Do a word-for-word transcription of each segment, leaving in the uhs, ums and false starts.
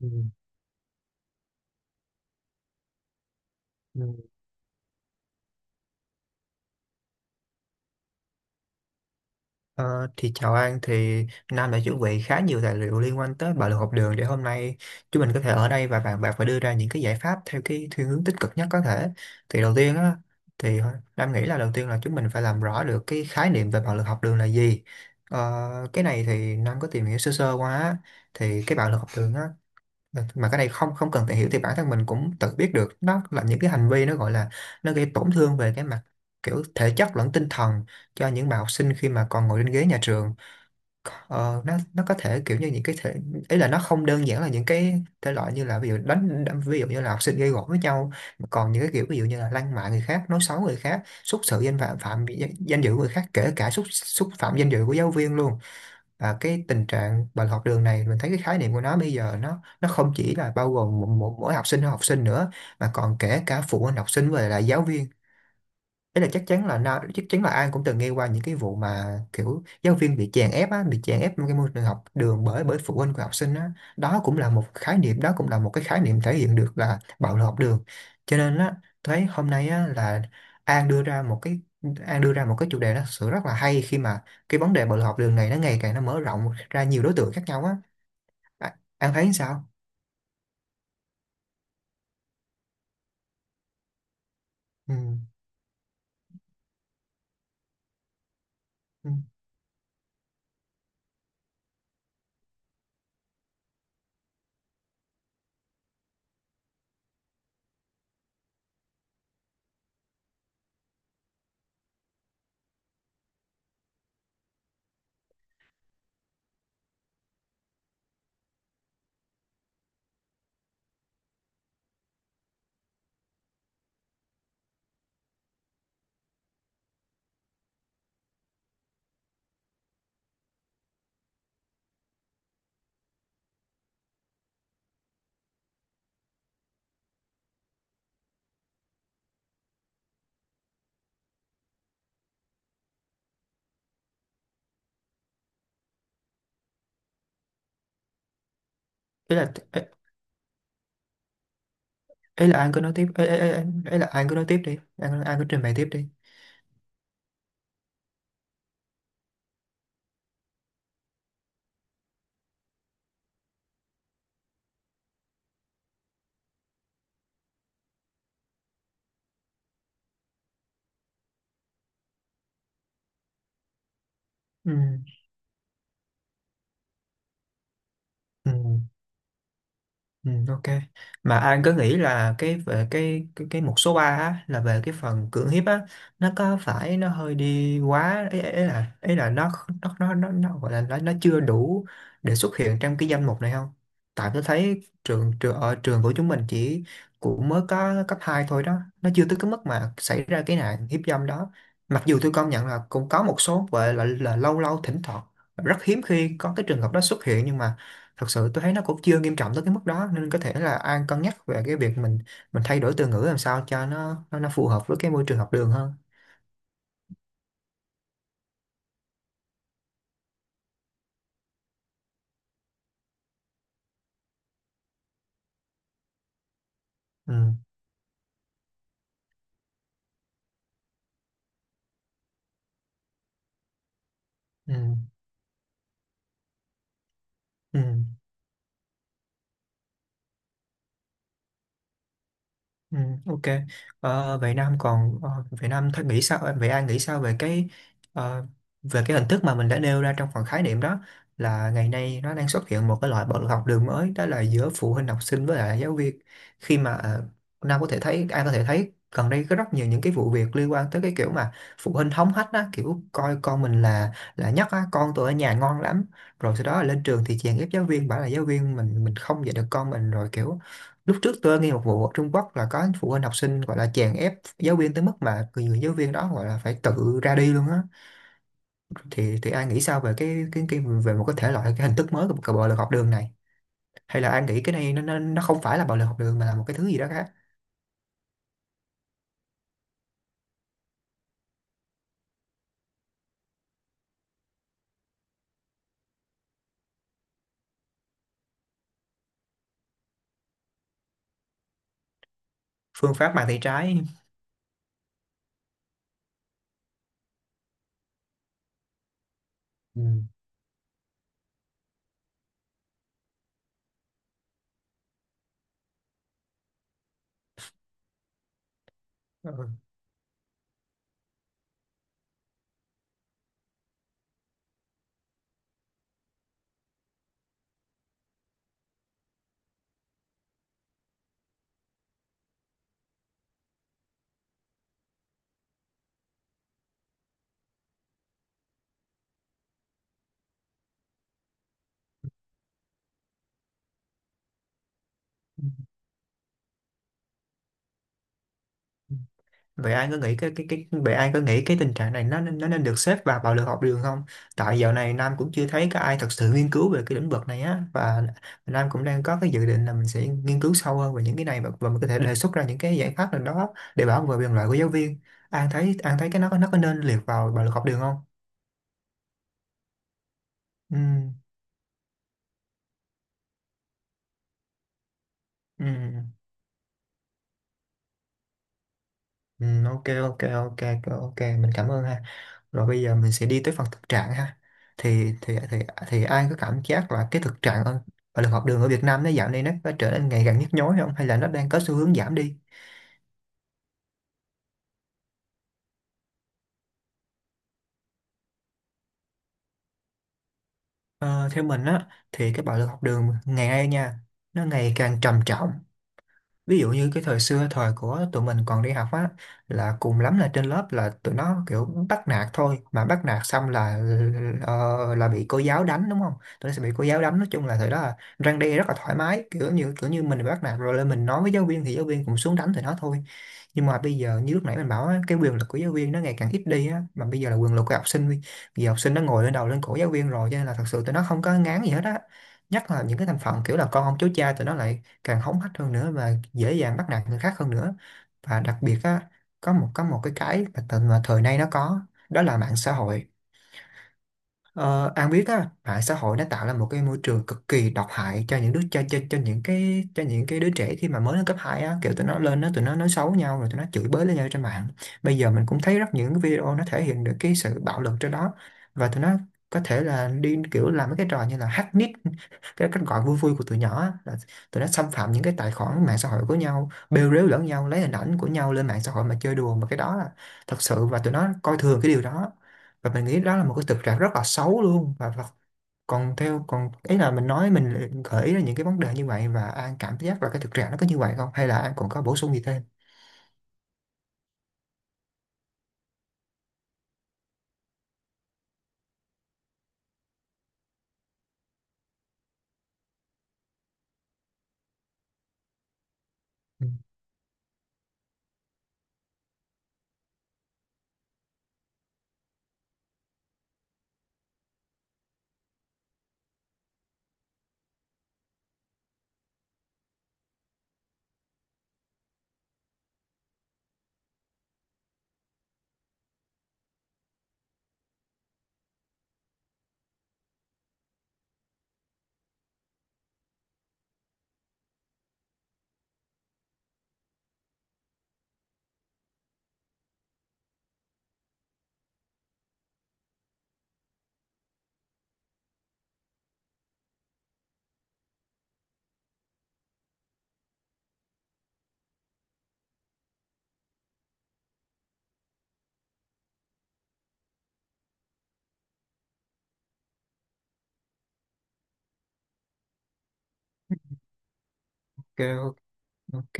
Ừ, ừ. Ờ, thì chào An, thì Nam đã chuẩn bị khá nhiều tài liệu liên quan tới bạo lực học đường để hôm nay chúng mình có thể ở đây và bàn bạc và đưa ra những cái giải pháp theo cái thiên hướng tích cực nhất có thể. Thì đầu tiên á thì Nam nghĩ là đầu tiên là chúng mình phải làm rõ được cái khái niệm về bạo lực học đường là gì. Ờ, cái này thì Nam có tìm hiểu sơ sơ qua á. Thì cái bạo lực học đường á Mà mà cái này không không cần tìm hiểu thì bản thân mình cũng tự biết được, nó là những cái hành vi, nó gọi là nó gây tổn thương về cái mặt kiểu thể chất lẫn tinh thần cho những bạn học sinh khi mà còn ngồi trên ghế nhà trường. Ờ, nó nó có thể kiểu như những cái thể, ý là nó không đơn giản là những cái thể loại như là ví dụ đánh đánh- ví dụ như là học sinh gây gổ với nhau, mà còn những cái kiểu ví dụ như là lăng mạ người khác, nói xấu người khác, xúc sự danh phạm phạm danh dự người khác, kể cả xúc xúc phạm danh dự của giáo viên luôn. Và cái tình trạng bạo lực học đường này, mình thấy cái khái niệm của nó bây giờ nó nó không chỉ là bao gồm mỗi, mỗi, mỗi học sinh hay học sinh nữa, mà còn kể cả phụ huynh học sinh và là giáo viên. Đấy là chắc chắn là nào, chắc chắn là ai cũng từng nghe qua những cái vụ mà kiểu giáo viên bị chèn ép á, bị chèn ép trong cái môi trường học đường bởi bởi phụ huynh của học sinh á. Đó cũng là một khái niệm, đó cũng là một cái khái niệm thể hiện được là bạo lực học đường. Cho nên á, thấy hôm nay á là An đưa ra một cái An đưa ra một cái chủ đề nó thực sự rất là hay, khi mà cái vấn đề bạo lực học đường này nó ngày càng nó mở rộng ra nhiều đối tượng khác nhau á. À, An thấy sao? Ừ. Ừ. Ý là ý, ý là An cứ nói tiếp, ý, ý, ý, ý là An cứ nói tiếp đi, An An cứ trình bày tiếp đi. Ừ. Ừ, ừ, ok, mà anh cứ nghĩ là cái về cái cái, cái mục số ba á, là về cái phần cưỡng hiếp á, nó có phải nó hơi đi quá ấy, ấy là ấy là nó nó nó nó, nó gọi là nó, nó chưa đủ để xuất hiện trong cái danh mục này không. Tại tôi thấy trường trường ở trường của chúng mình chỉ cũng mới có cấp hai thôi đó, nó chưa tới cái mức mà xảy ra cái nạn hiếp dâm đó. Mặc dù tôi công nhận là cũng có một số gọi là, là lâu lâu thỉnh thoảng rất hiếm khi có cái trường hợp đó xuất hiện, nhưng mà thật sự tôi thấy nó cũng chưa nghiêm trọng tới cái mức đó, nên có thể là An cân nhắc về cái việc mình mình thay đổi từ ngữ làm sao cho nó nó, nó phù hợp với cái môi trường học đường hơn. Ừ. Ừ. Ừ. Ừ, ok. Ờ, vậy Nam còn ờ, vậy Nam thấy nghĩ sao, vậy An nghĩ sao về cái ờ, về cái hình thức mà mình đã nêu ra trong phần khái niệm đó, là ngày nay nó đang xuất hiện một cái loại bạo lực học đường mới, đó là giữa phụ huynh học sinh với lại giáo viên. khi mà ờ, Nam có thể thấy, An có thể thấy gần đây có rất nhiều những cái vụ việc liên quan tới cái kiểu mà phụ huynh hống hách á, kiểu coi con mình là là nhất á, con tôi ở nhà ngon lắm, rồi sau đó là lên trường thì chèn ép giáo viên, bảo là giáo viên mình mình không dạy được con mình, rồi kiểu lúc trước tôi nghe một vụ ở Trung Quốc là có phụ huynh học sinh gọi là chèn ép giáo viên tới mức mà người giáo viên đó gọi là phải tự ra đi luôn á. Thì thì ai nghĩ sao về cái cái, cái về một cái thể loại, cái hình thức mới của, của bạo lực học đường này, hay là ai nghĩ cái này nó nó, nó không phải là bạo lực học đường mà là một cái thứ gì đó khác? Phương pháp mang tay trái. Ừ. Ừ. Vậy anh có nghĩ cái cái cái vậy anh có nghĩ cái tình trạng này nó nên- nó nên được xếp vào bạo lực học đường không? Tại dạo này Nam cũng chưa thấy có ai thật sự nghiên cứu về cái lĩnh vực này á, và Nam cũng đang có cái dự định là mình sẽ nghiên cứu sâu hơn về những cái này, và, và mình có thể đề xuất ra những cái giải pháp nào đó để bảo vệ quyền lợi của giáo viên. Anh thấy anh thấy cái nó có- nó có nên liệt vào bạo lực học đường không? Ừ. Ừ. Ừ, ok ok ok ok ok, mình cảm ơn ha. Rồi bây giờ mình sẽ đi tới phần thực trạng ha. Thì thì thì thì ai có cảm giác là cái thực trạng ở bạo lực học đường ở Việt Nam nó dạo này nó có trở nên ngày càng nhức nhối không, hay là nó đang có xu hướng giảm đi? Ờ, theo mình á thì cái bạo lực học đường ngày nay nha, nó ngày càng trầm trọng. Ví dụ như cái thời xưa, thời của tụi mình còn đi học á, là cùng lắm là trên lớp là tụi nó kiểu bắt nạt thôi, mà bắt nạt xong là ờ, là bị cô giáo đánh đúng không, tụi nó sẽ bị cô giáo đánh. Nói chung là thời đó là răn đe rất là thoải mái, kiểu như kiểu như mình bị bắt nạt rồi lên mình nói với giáo viên thì giáo viên cũng xuống đánh tụi nó thôi. Nhưng mà bây giờ như lúc nãy mình bảo á, cái quyền lực của giáo viên nó ngày càng ít đi á, mà bây giờ là quyền lực của học sinh, bây giờ học sinh nó ngồi lên đầu lên cổ giáo viên rồi, cho nên là thật sự tụi nó không có ngán gì hết á. Nhất là những cái thành phần kiểu là con ông cháu cha, tụi nó lại càng hống hách hơn nữa và dễ dàng bắt nạt người khác hơn nữa. Và đặc biệt á, có một có một cái cái mà, tận- mà thời nay nó có, đó là mạng xã hội. Ờ, An biết á, mạng xã hội nó tạo ra một cái môi trường cực kỳ độc hại cho những đứa cho, cho, cho những cái cho những cái đứa trẻ khi mà mới lên cấp hai á, kiểu tụi nó lên nó tụi nó nói xấu nhau, rồi tụi nó chửi bới lên nhau trên mạng. Bây giờ mình cũng thấy rất những cái video nó thể hiện được cái sự bạo lực trên đó, và tụi nó có thể là đi kiểu làm mấy cái trò như là hack nick cái cách gọi vui vui của tụi nhỏ á, là tụi nó xâm phạm những cái tài khoản mạng xã hội của nhau, bêu rếu lẫn nhau, lấy hình ảnh của nhau lên mạng xã hội mà chơi đùa. Mà cái đó là thật sự, và tụi nó coi thường cái điều đó. Và mình nghĩ đó là một cái thực trạng rất là xấu luôn. Và, và còn theo còn ý là mình nói, mình lại gợi ý ra những cái vấn đề như vậy, và An cảm giác là cái thực trạng nó có như vậy không, hay là An còn có bổ sung gì thêm? Ừ, ok ok,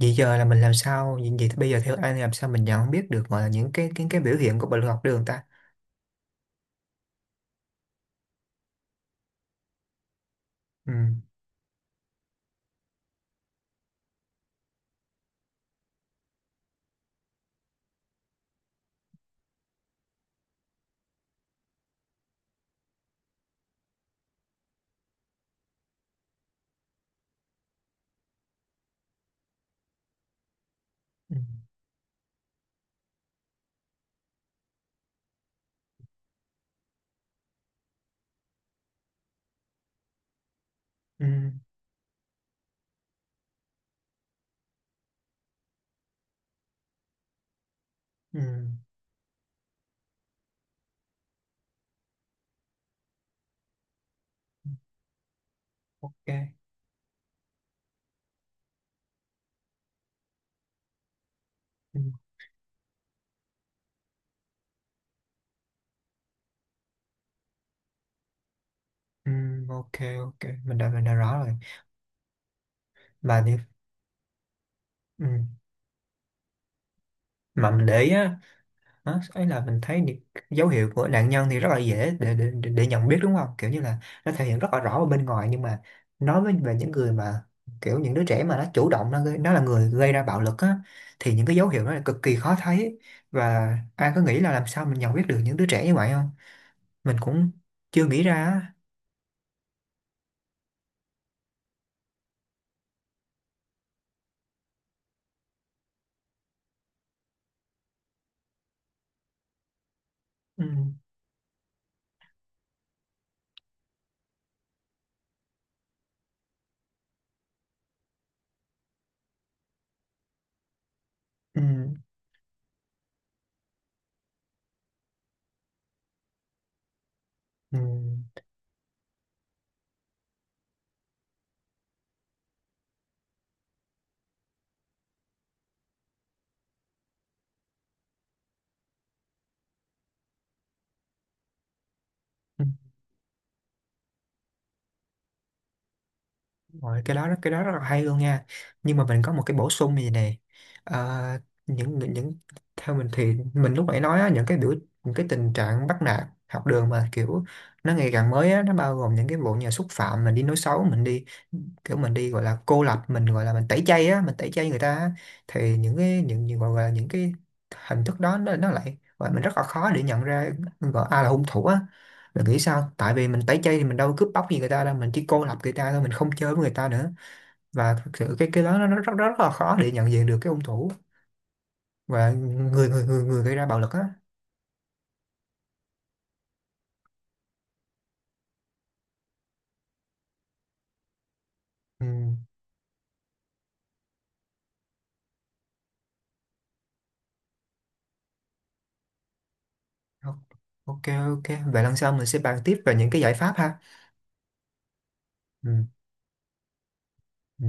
vậy giờ là mình làm sao, vậy vậy thì bây giờ theo An làm sao mình nhận biết được gọi là những cái cái cái biểu hiện của bệnh học đường ta? Ừ. Ừ. Ừ. Ừ. Ok. ừ, ừ, ok, ok mình đã mình đã rõ rồi. Mà đi. Ừ. Mà mình để ý á, đó ấy là mình thấy những dấu hiệu của nạn nhân thì rất là dễ để, để để để nhận biết đúng không, kiểu như là nó thể hiện rất là rõ ở bên ngoài. Nhưng mà nói với về những người mà kiểu những đứa trẻ mà nó chủ động nó gây- nó là người gây ra bạo lực á, thì những cái dấu hiệu đó là cực kỳ khó thấy. Và ai có nghĩ là làm sao mình nhận biết được những đứa trẻ như vậy không? Mình cũng chưa nghĩ ra á. ừ, ừ, ừ, ừ. Rồi, cái đó rất- cái đó rất là hay luôn nha, nhưng mà mình có một cái bổ sung gì này. Ờ, những những những- Theo mình thì mình lúc nãy nói á, những cái biểu những cái tình trạng bắt nạt học đường mà kiểu nó ngày càng mới á, nó bao gồm những cái vụ nhà xúc phạm mình đi, nói xấu mình đi, kiểu mình đi gọi là cô lập mình, gọi là mình tẩy chay á, mình tẩy chay người ta á, thì những cái những, những gọi là những cái hình thức đó nó, nó lại và mình rất là khó để nhận ra gọi ai là hung thủ á. Mình nghĩ sao, tại vì mình tẩy chay thì mình đâu cướp bóc gì người ta đâu, mình chỉ cô lập người ta thôi, mình không chơi với người ta nữa. Và thực sự cái cái đó nó rất, rất rất là khó để nhận diện được cái hung thủ và người người người người gây ra bạo lực á. Ừ. Ok, ok, vậy lần sau mình sẽ bàn tiếp về những cái giải pháp ha. Ừ. Ừ.